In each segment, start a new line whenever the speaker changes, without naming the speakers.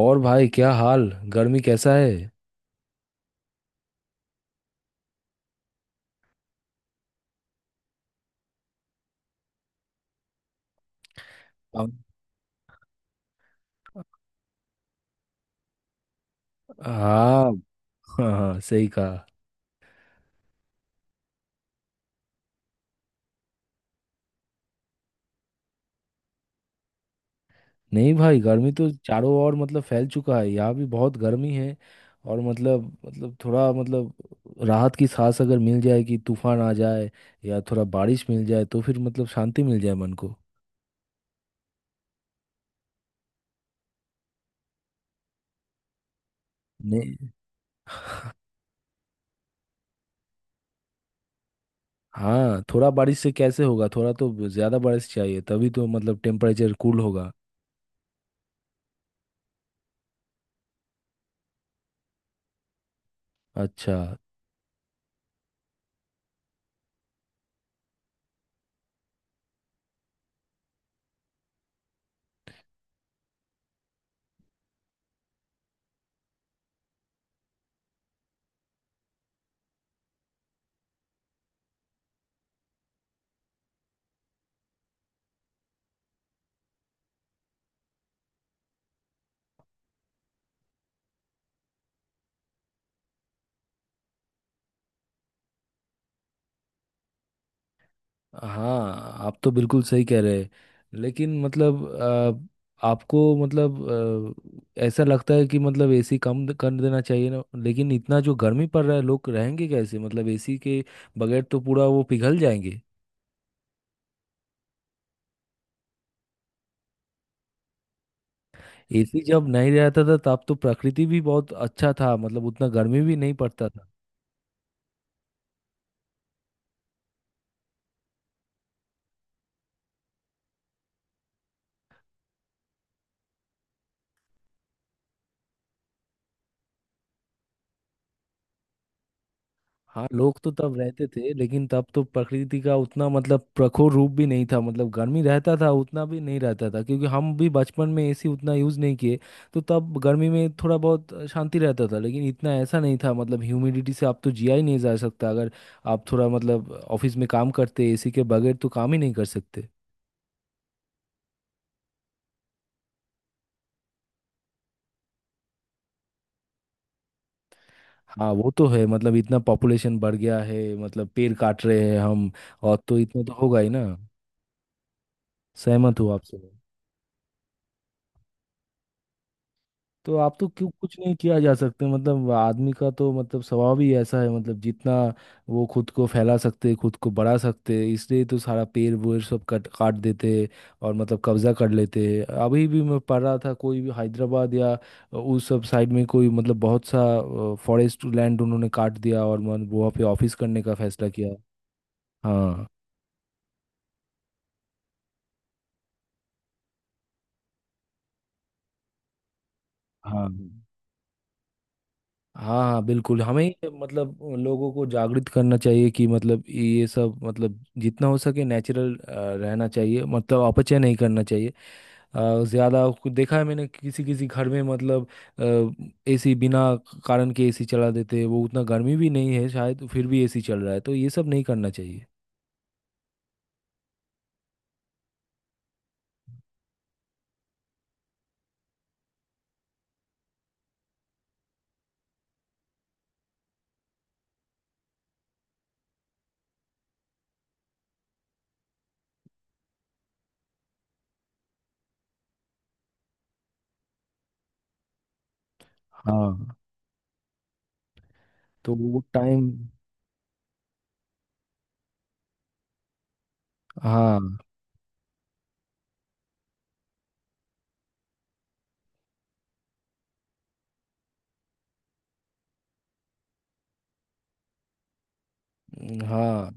और भाई क्या हाल। गर्मी कैसा है। हाँ। हाँ। हाँ। हाँ, सही कहा। नहीं भाई, गर्मी तो चारों ओर मतलब फैल चुका है, यहाँ भी बहुत गर्मी है। और मतलब थोड़ा मतलब राहत की सांस अगर मिल जाए कि तूफान आ जाए या थोड़ा बारिश मिल जाए तो फिर मतलब शांति मिल जाए मन को। नहीं। हाँ, थोड़ा बारिश से कैसे होगा? थोड़ा तो ज्यादा बारिश चाहिए, तभी तो मतलब टेम्परेचर कूल होगा। अच्छा। हाँ, आप तो बिल्कुल सही कह रहे हैं। लेकिन मतलब आपको मतलब ऐसा लगता है कि मतलब एसी कम कर देना चाहिए ना। लेकिन इतना जो गर्मी पड़ रहा है, लोग रहेंगे कैसे? मतलब एसी के बगैर तो पूरा वो पिघल जाएंगे। एसी जब नहीं रहता था तब तो प्रकृति भी बहुत अच्छा था, मतलब उतना गर्मी भी नहीं पड़ता था। हाँ, लोग तो तब रहते थे लेकिन तब तो प्रकृति का उतना मतलब प्रखर रूप भी नहीं था। मतलब गर्मी रहता था उतना भी नहीं रहता था, क्योंकि हम भी बचपन में एसी उतना यूज़ नहीं किए। तो तब गर्मी में थोड़ा बहुत शांति रहता था, लेकिन इतना ऐसा नहीं था। मतलब ह्यूमिडिटी से आप तो जिया ही नहीं जा सकता, अगर आप थोड़ा मतलब ऑफिस में काम करते एसी के बगैर तो काम ही नहीं कर सकते। हाँ, वो तो है। मतलब इतना पॉपुलेशन बढ़ गया है, मतलब पेड़ काट रहे हैं हम, और तो इतना तो होगा ही ना। सहमत हूँ आपसे। तो आप तो क्यों कुछ नहीं किया जा सकते? मतलब आदमी का तो मतलब स्वभाव ही ऐसा है, मतलब जितना वो खुद को फैला सकते, खुद को बढ़ा सकते, इसलिए तो सारा पेड़ वेड़ सब कट काट देते और मतलब कब्जा कर लेते। अभी भी मैं पढ़ रहा था, कोई भी हैदराबाद या उस सब साइड में कोई मतलब बहुत सा फॉरेस्ट लैंड उन्होंने काट दिया और मन वहाँ पे ऑफिस करने का फैसला किया। हाँ। हाँ। हाँ। हाँ, बिल्कुल। हमें मतलब लोगों को जागृत करना चाहिए कि मतलब ये सब मतलब जितना हो सके नेचुरल रहना चाहिए, मतलब अपचय नहीं करना चाहिए। ज़्यादा कुछ देखा है मैंने, किसी किसी घर में मतलब एसी बिना कारण के एसी चला देते हैं। वो उतना गर्मी भी नहीं है शायद, तो फिर भी एसी चल रहा है, तो ये सब नहीं करना चाहिए। हाँ। तो वो टाइम। हाँ। हाँ।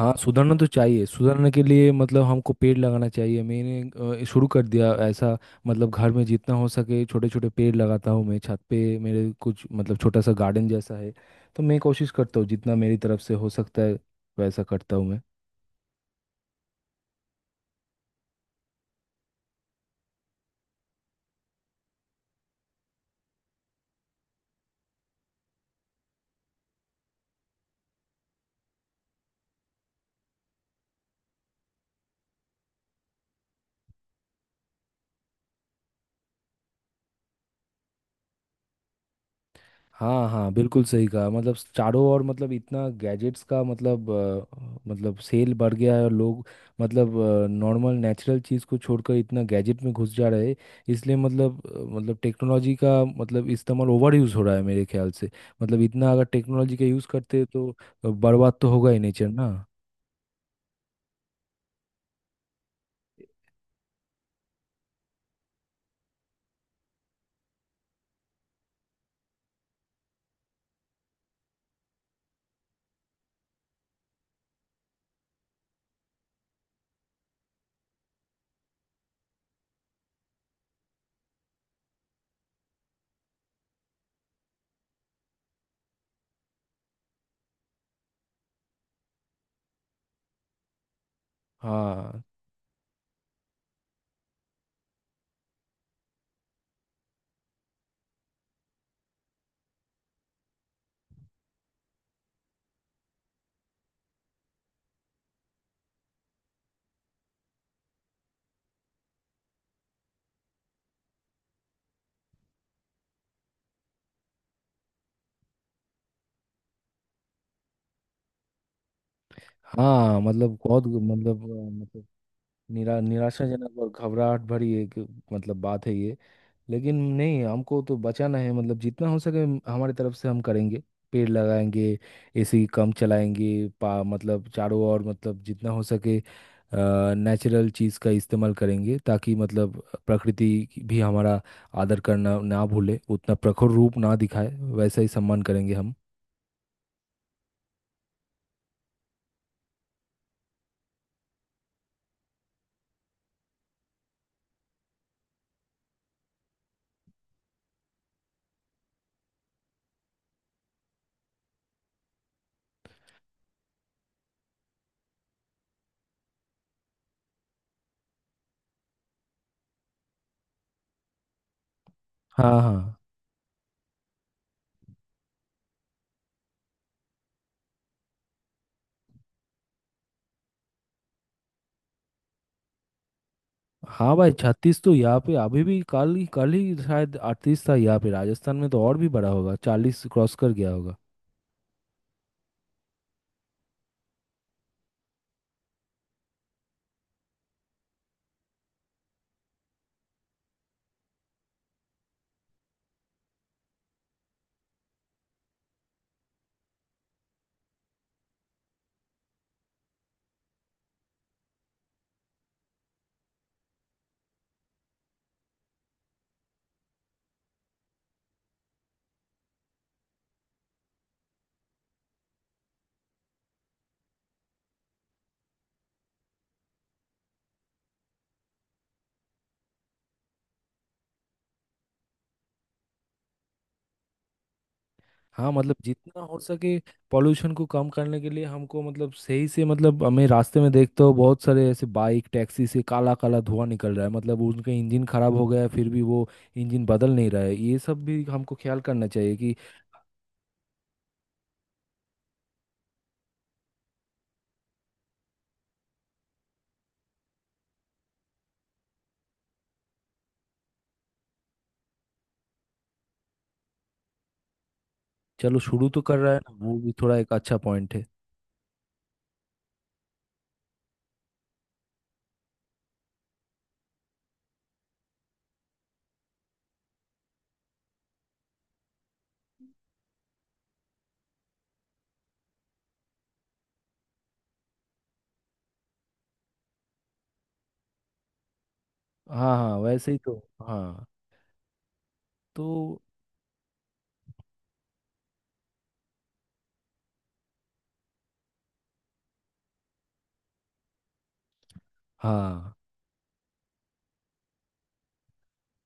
हाँ, सुधरना तो चाहिए। सुधरने के लिए मतलब हमको पेड़ लगाना चाहिए। मैंने शुरू कर दिया ऐसा। मतलब घर में जितना हो सके छोटे छोटे पेड़ लगाता हूँ मैं। छत पे मेरे कुछ मतलब छोटा सा गार्डन जैसा है। तो मैं कोशिश करता हूँ जितना मेरी तरफ से हो सकता है, वैसा करता हूँ मैं। हाँ हाँ, बिल्कुल सही कहा। मतलब चारों ओर मतलब इतना गैजेट्स का मतलब मतलब सेल बढ़ गया है, और लोग मतलब नॉर्मल नेचुरल चीज़ को छोड़कर इतना गैजेट में घुस जा रहे हैं। इसलिए मतलब मतलब टेक्नोलॉजी का मतलब इस्तेमाल ओवर यूज़ हो रहा है मेरे ख्याल से। मतलब इतना अगर टेक्नोलॉजी का यूज़ करते हैं, तो बर्बाद तो होगा ही नेचर ना। हाँ। हाँ, मतलब बहुत मतलब मतलब निरा निराशाजनक और घबराहट भरी एक मतलब बात है ये। लेकिन नहीं, हमको तो बचाना है। मतलब जितना हो सके हमारी तरफ से हम करेंगे, पेड़ लगाएंगे, एसी कम चलाएंगे, पा मतलब चारों ओर मतलब जितना हो सके नेचुरल चीज़ का इस्तेमाल करेंगे, ताकि मतलब प्रकृति की भी हमारा आदर करना ना भूले, उतना प्रखर रूप ना दिखाए। वैसा ही सम्मान करेंगे हम। हाँ। हाँ। हाँ भाई, 36 तो यहाँ पे अभी भी, कल ही शायद 38 था यहाँ पे। राजस्थान में तो और भी बड़ा होगा, 40 क्रॉस कर गया होगा। हाँ, मतलब जितना हो सके पॉल्यूशन को कम करने के लिए हमको मतलब सही से। मतलब हमें रास्ते में देखते हो, बहुत सारे ऐसे बाइक टैक्सी से काला काला धुआं निकल रहा है। मतलब उनका इंजन खराब हो गया है, फिर भी वो इंजन बदल नहीं रहा है। ये सब भी हमको ख्याल करना चाहिए कि। चलो, शुरू तो कर रहा है ना वो भी, थोड़ा एक अच्छा पॉइंट है। हाँ हाँ, वैसे ही तो। हाँ। तो हाँ।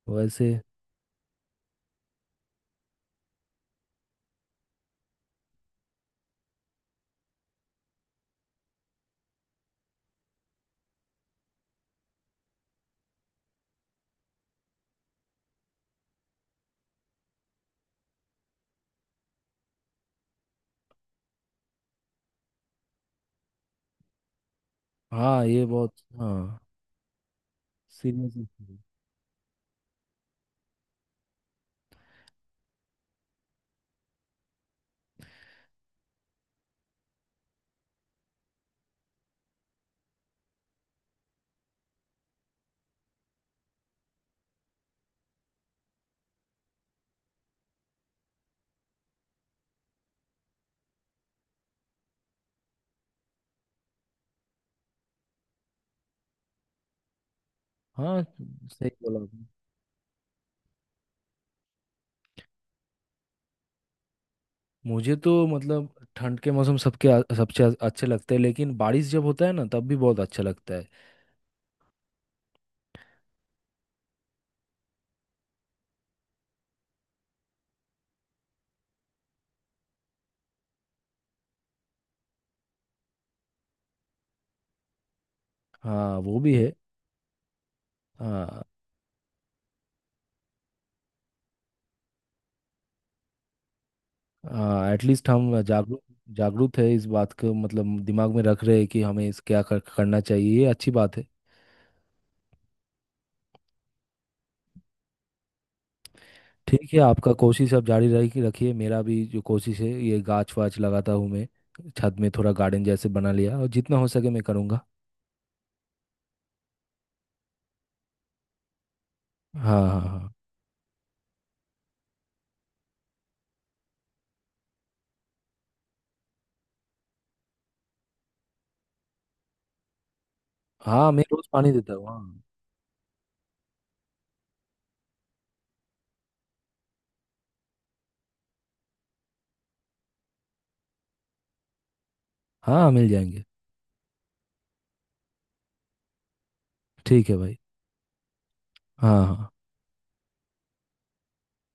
वैसे। हाँ, ये बहुत। हाँ। सीरियस। हाँ, सही बोला आपने। मुझे तो मतलब ठंड के मौसम अच्छे लगते हैं, लेकिन बारिश जब होता है ना तब भी बहुत अच्छा लगता है। हाँ, वो भी है। हाँ। हाँ, एटलीस्ट हम जागरूक जागरूक है इस बात को, मतलब दिमाग में रख रहे हैं कि हमें इस करना चाहिए। ये अच्छी बात है। ठीक है, आपका कोशिश आप जारी रखी रखिए। मेरा भी जो कोशिश है, ये गाछ वाछ लगाता हूँ मैं। छत में थोड़ा गार्डन जैसे बना लिया, और जितना हो सके मैं करूँगा। हाँ। हाँ। हाँ। हाँ, मैं रोज़ पानी देता हूँ। हाँ। हाँ, मिल जाएंगे। ठीक है भाई। हाँ। हाँ।